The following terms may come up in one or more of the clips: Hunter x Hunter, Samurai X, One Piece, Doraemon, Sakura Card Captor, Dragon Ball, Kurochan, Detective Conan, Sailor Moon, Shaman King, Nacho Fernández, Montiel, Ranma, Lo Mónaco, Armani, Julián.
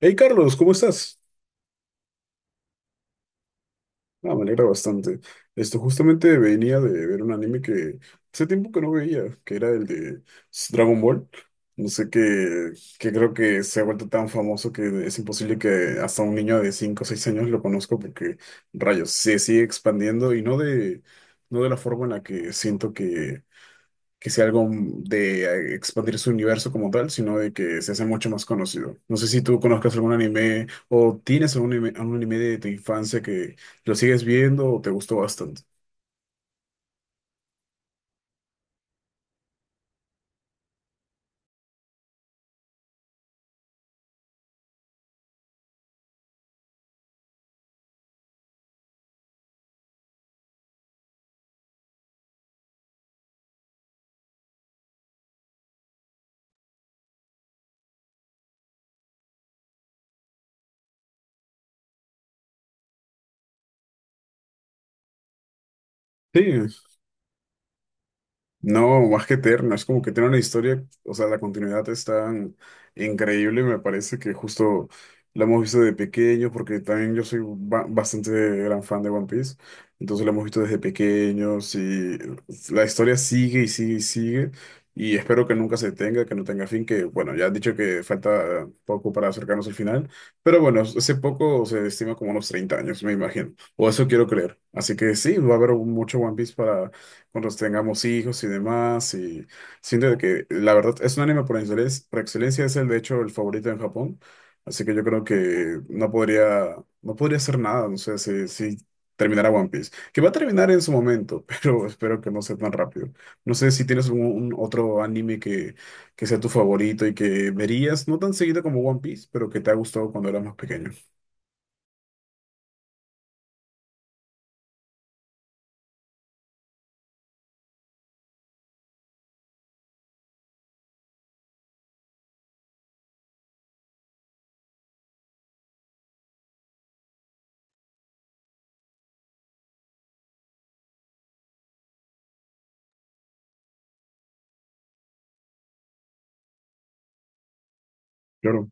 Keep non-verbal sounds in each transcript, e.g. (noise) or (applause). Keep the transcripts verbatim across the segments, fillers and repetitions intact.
Hey Carlos, ¿cómo estás? Ah, me alegra bastante. Esto justamente venía de ver un anime que hace tiempo que no veía, que era el de Dragon Ball. No sé qué, que creo que se ha vuelto tan famoso que es imposible que hasta un niño de cinco o seis años lo conozca porque, rayos, se sigue expandiendo y no de, no de la forma en la que siento que que sea algo de expandir su universo como tal, sino de que se hace mucho más conocido. No sé si tú conozcas algún anime o tienes algún anime, algún anime de tu infancia que lo sigues viendo o te gustó bastante. Sí. No, más que eterna, es como que tiene una historia, o sea, la continuidad es tan increíble, me parece que justo la hemos visto de pequeño, porque también yo soy ba- bastante gran fan de One Piece, entonces la hemos visto desde pequeños y la historia sigue y sigue y sigue, y espero que nunca se detenga, que no tenga fin, que bueno, ya han dicho que falta poco para acercarnos al final, pero bueno, ese poco se estima como unos treinta años, me imagino, o eso quiero creer, así que sí, va a haber mucho One Piece para cuando tengamos hijos y demás. Y siento de que la verdad es un anime por excelencia, por excelencia es el de hecho el favorito en Japón. Así que yo creo que no podría, no podría hacer nada, no sé si, si terminara One Piece, que va a terminar en su momento, (laughs) pero espero que no sea tan rápido. No sé si tienes algún un otro anime que, que sea tu favorito y que verías, no tan seguido como One Piece, pero que te ha gustado cuando eras más pequeño. Claro.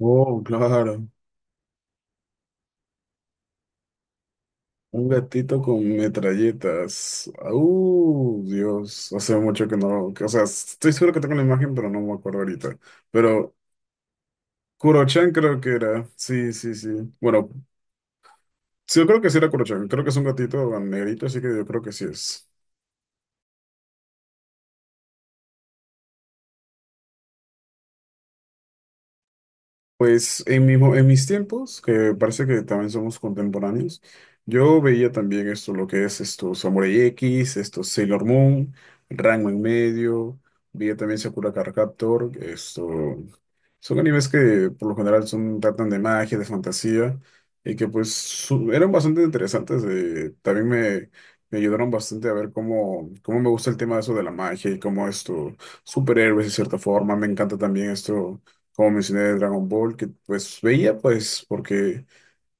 Oh, claro. Un gatito con metralletas. Uh, Dios, hace mucho que no. que- O sea, estoy seguro que tengo la imagen, pero no me acuerdo ahorita. Pero Kurochan creo que era. Sí, sí, sí. Bueno, sí, yo creo que sí era Kurochan. Creo que es un gatito negrito, así que yo creo que sí es. Pues en mismo, en mis tiempos, que parece que también somos contemporáneos, yo veía también esto, lo que es esto, Samurai X, esto, Sailor Moon, Ranma en medio, veía también Sakura Card Captor, esto, son animes que por lo general son, tratan de magia, de fantasía, y que pues su- eran bastante interesantes, eh, también me, me ayudaron bastante a ver cómo, cómo me gusta el tema de eso de la magia y cómo esto, superhéroes de cierta forma, me encanta también esto como mencioné, de Dragon Ball, que pues veía, pues, porque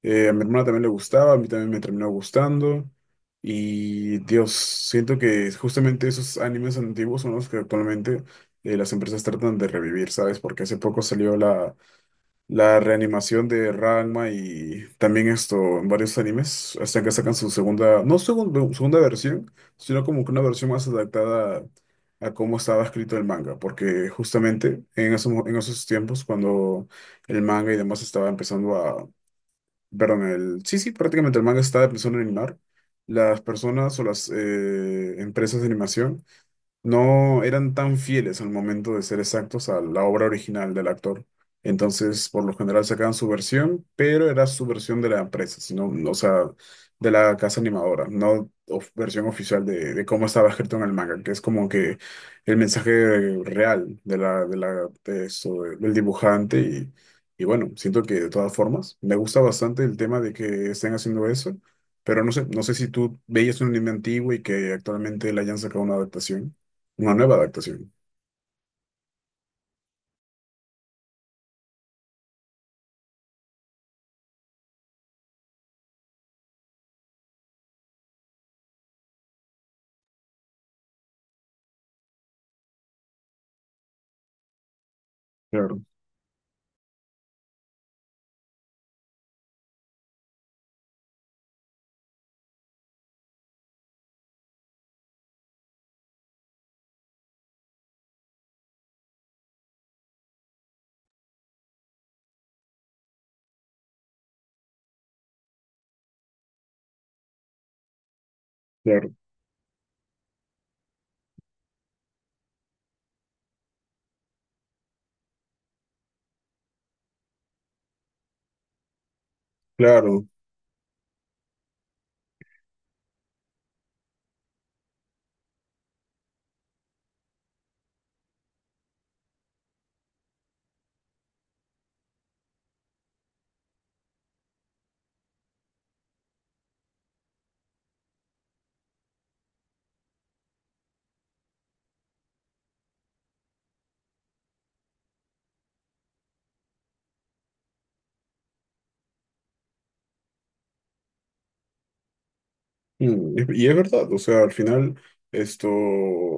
eh, a mi hermana también le gustaba, a mí también me terminó gustando. Y Dios, siento que justamente esos animes antiguos son los que actualmente eh, las empresas tratan de revivir, ¿sabes? Porque hace poco salió la, la reanimación de Ranma y también esto en varios animes, hasta que sacan su segunda, no segun- bueno, segunda versión, sino como que una versión más adaptada a, cómo estaba escrito el manga, porque justamente en esos, mo- en esos tiempos, cuando el manga y demás estaba empezando a, perdón, el, sí, sí, prácticamente el manga estaba empezando a animar, las personas o las eh, empresas de animación no eran tan fieles al momento de ser exactos a la obra original del actor. Entonces, por lo general sacaban su versión, pero era su versión de la empresa, sino, no, o sea, de la casa animadora, no of- versión oficial de, de cómo estaba escrito en el manga, que es como que el mensaje real de la, de la, de eso, del dibujante. Y, y bueno, siento que de todas formas me gusta bastante el tema de que estén haciendo eso, pero no sé, no sé si tú veías un anime antiguo y que actualmente le hayan sacado una adaptación. Una nueva adaptación. Claro, claro, claro. Mm, Y y es verdad, o sea, al final, esto,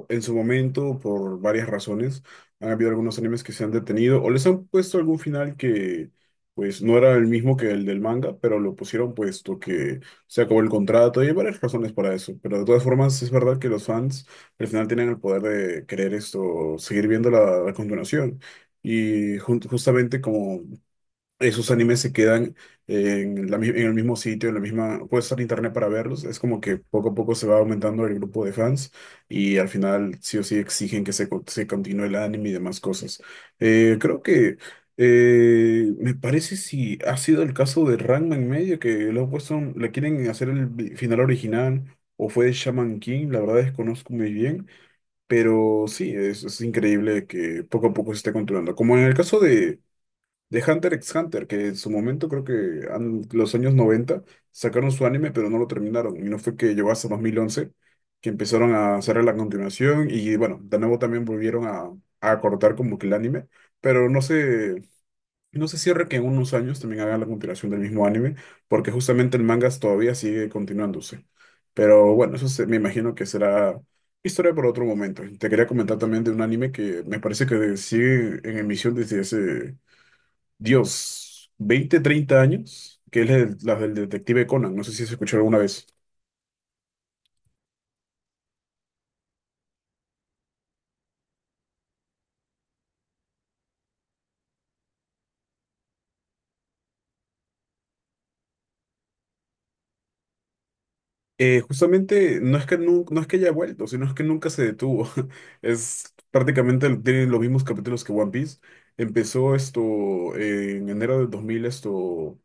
en su momento, por varias razones, han habido algunos animes que se han detenido o les han puesto algún final que, pues, no era el mismo que el del manga, pero lo pusieron puesto que se acabó el contrato y hay varias razones para eso. Pero de todas formas, es verdad que los fans al final tienen el poder de querer esto, seguir viendo la, la continuación. Y jun- justamente como esos animes se quedan en la mi- en el mismo sitio, en la misma, puedes estar en internet para verlos, es como que poco a poco se va aumentando el grupo de fans y al final sí o sí exigen que se, co- se continúe el anime y demás cosas. Eh, creo que eh, me parece si ha sido el caso de Ranma en medio, que le han puesto, un- le quieren hacer el vi- final original. O fue de Shaman King, la verdad desconozco muy bien, pero sí, es, es increíble que poco a poco se esté controlando. Como en el caso de, de Hunter x Hunter, que en su momento creo que an- los años noventa sacaron su anime, pero no lo terminaron. Y no fue que llegó hasta dos mil once que empezaron a hacer la continuación. Y bueno, de nuevo también volvieron a, a cortar como que el anime. Pero no se, no se cierra que en unos años también hagan la continuación del mismo anime, porque justamente el manga todavía sigue continuándose. Pero bueno, eso se- me imagino que será historia por otro momento. Te quería comentar también de un anime que me parece que sigue en emisión desde hace Dios, veinte, treinta años, que es el- la del detective Conan, no sé si se escuchó alguna vez. Eh, justamente no es que nu- no es que haya vuelto, sino es que nunca se detuvo. (laughs) Es prácticamente tiene los mismos capítulos que One Piece. Empezó esto en enero del dos mil esto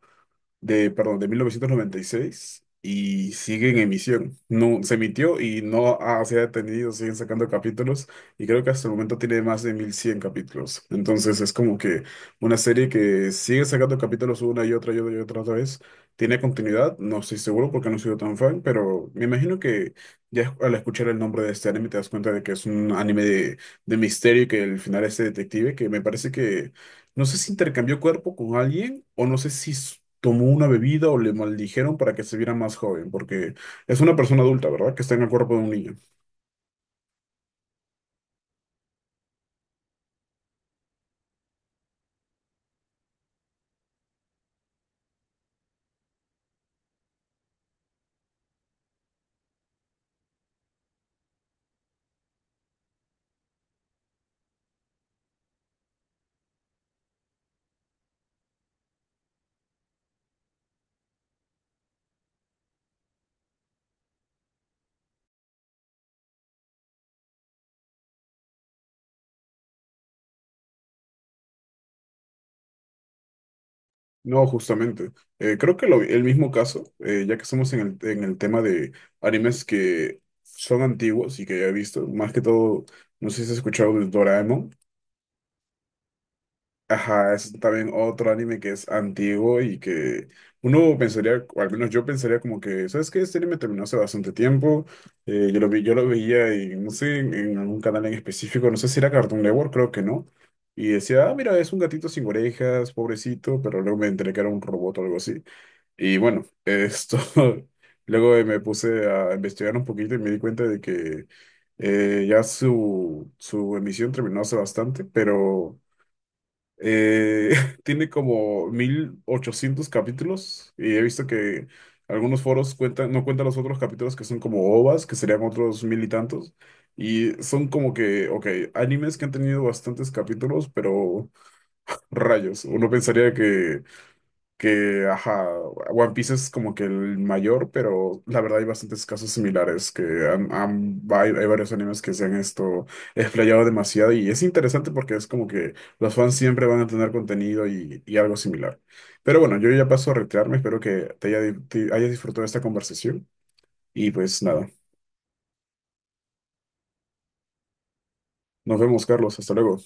de, perdón, de mil novecientos noventa y seis y sigue en emisión. No, se emitió y no ha- se ha detenido, siguen sacando capítulos y creo que hasta el momento tiene más de mil cien capítulos. Entonces es como que una serie que sigue sacando capítulos una y otra y otra y otra, otra vez. Tiene continuidad, no estoy seguro porque no he sido tan fan, pero me imagino que ya al escuchar el nombre de este anime te das cuenta de que es un anime de, de misterio y que el final es de detective, que me parece que no sé si intercambió cuerpo con alguien o no sé si s- tomó una bebida o le maldijeron para que se viera más joven, porque es una persona adulta, ¿verdad? Que está en el cuerpo de un niño. No, justamente. Eh, creo que lo- el mismo caso, eh, ya que estamos en el, en el tema de animes que son antiguos y que ya he visto, más que todo, no sé si has escuchado de Doraemon. Ajá, es también otro anime que es antiguo y que uno pensaría, o al menos yo pensaría como que, ¿sabes qué? Este anime terminó hace bastante tiempo, eh, yo lo vi, yo lo veía y no sé, en, en algún canal en específico, no sé si era Cartoon Network, creo que no, y decía, ah, mira, es un gatito sin orejas, pobrecito, pero luego me enteré que era un robot o algo así. Y bueno, esto, (laughs) luego eh, me puse a investigar un poquito y me di cuenta de que eh, ya su, su emisión terminó hace bastante, pero... Eh, (laughs) tiene como mil ochocientos capítulos y he visto que algunos foros cuentan, no cuentan los otros capítulos que son como O V As, que serían otros mil y tantos. Y son como que, ok, animes que han tenido bastantes capítulos, pero rayos. Uno pensaría que que, ajá, One Piece es como que el mayor, pero la verdad hay bastantes casos similares, que han- han- hay, hay varios animes que se han esto explayado demasiado y es interesante porque es como que los fans siempre van a tener contenido y, y algo similar. Pero bueno, yo ya paso a retirarme, espero que te haya, di- te hayas disfrutado de esta conversación y pues nada, nos vemos, Carlos, hasta luego.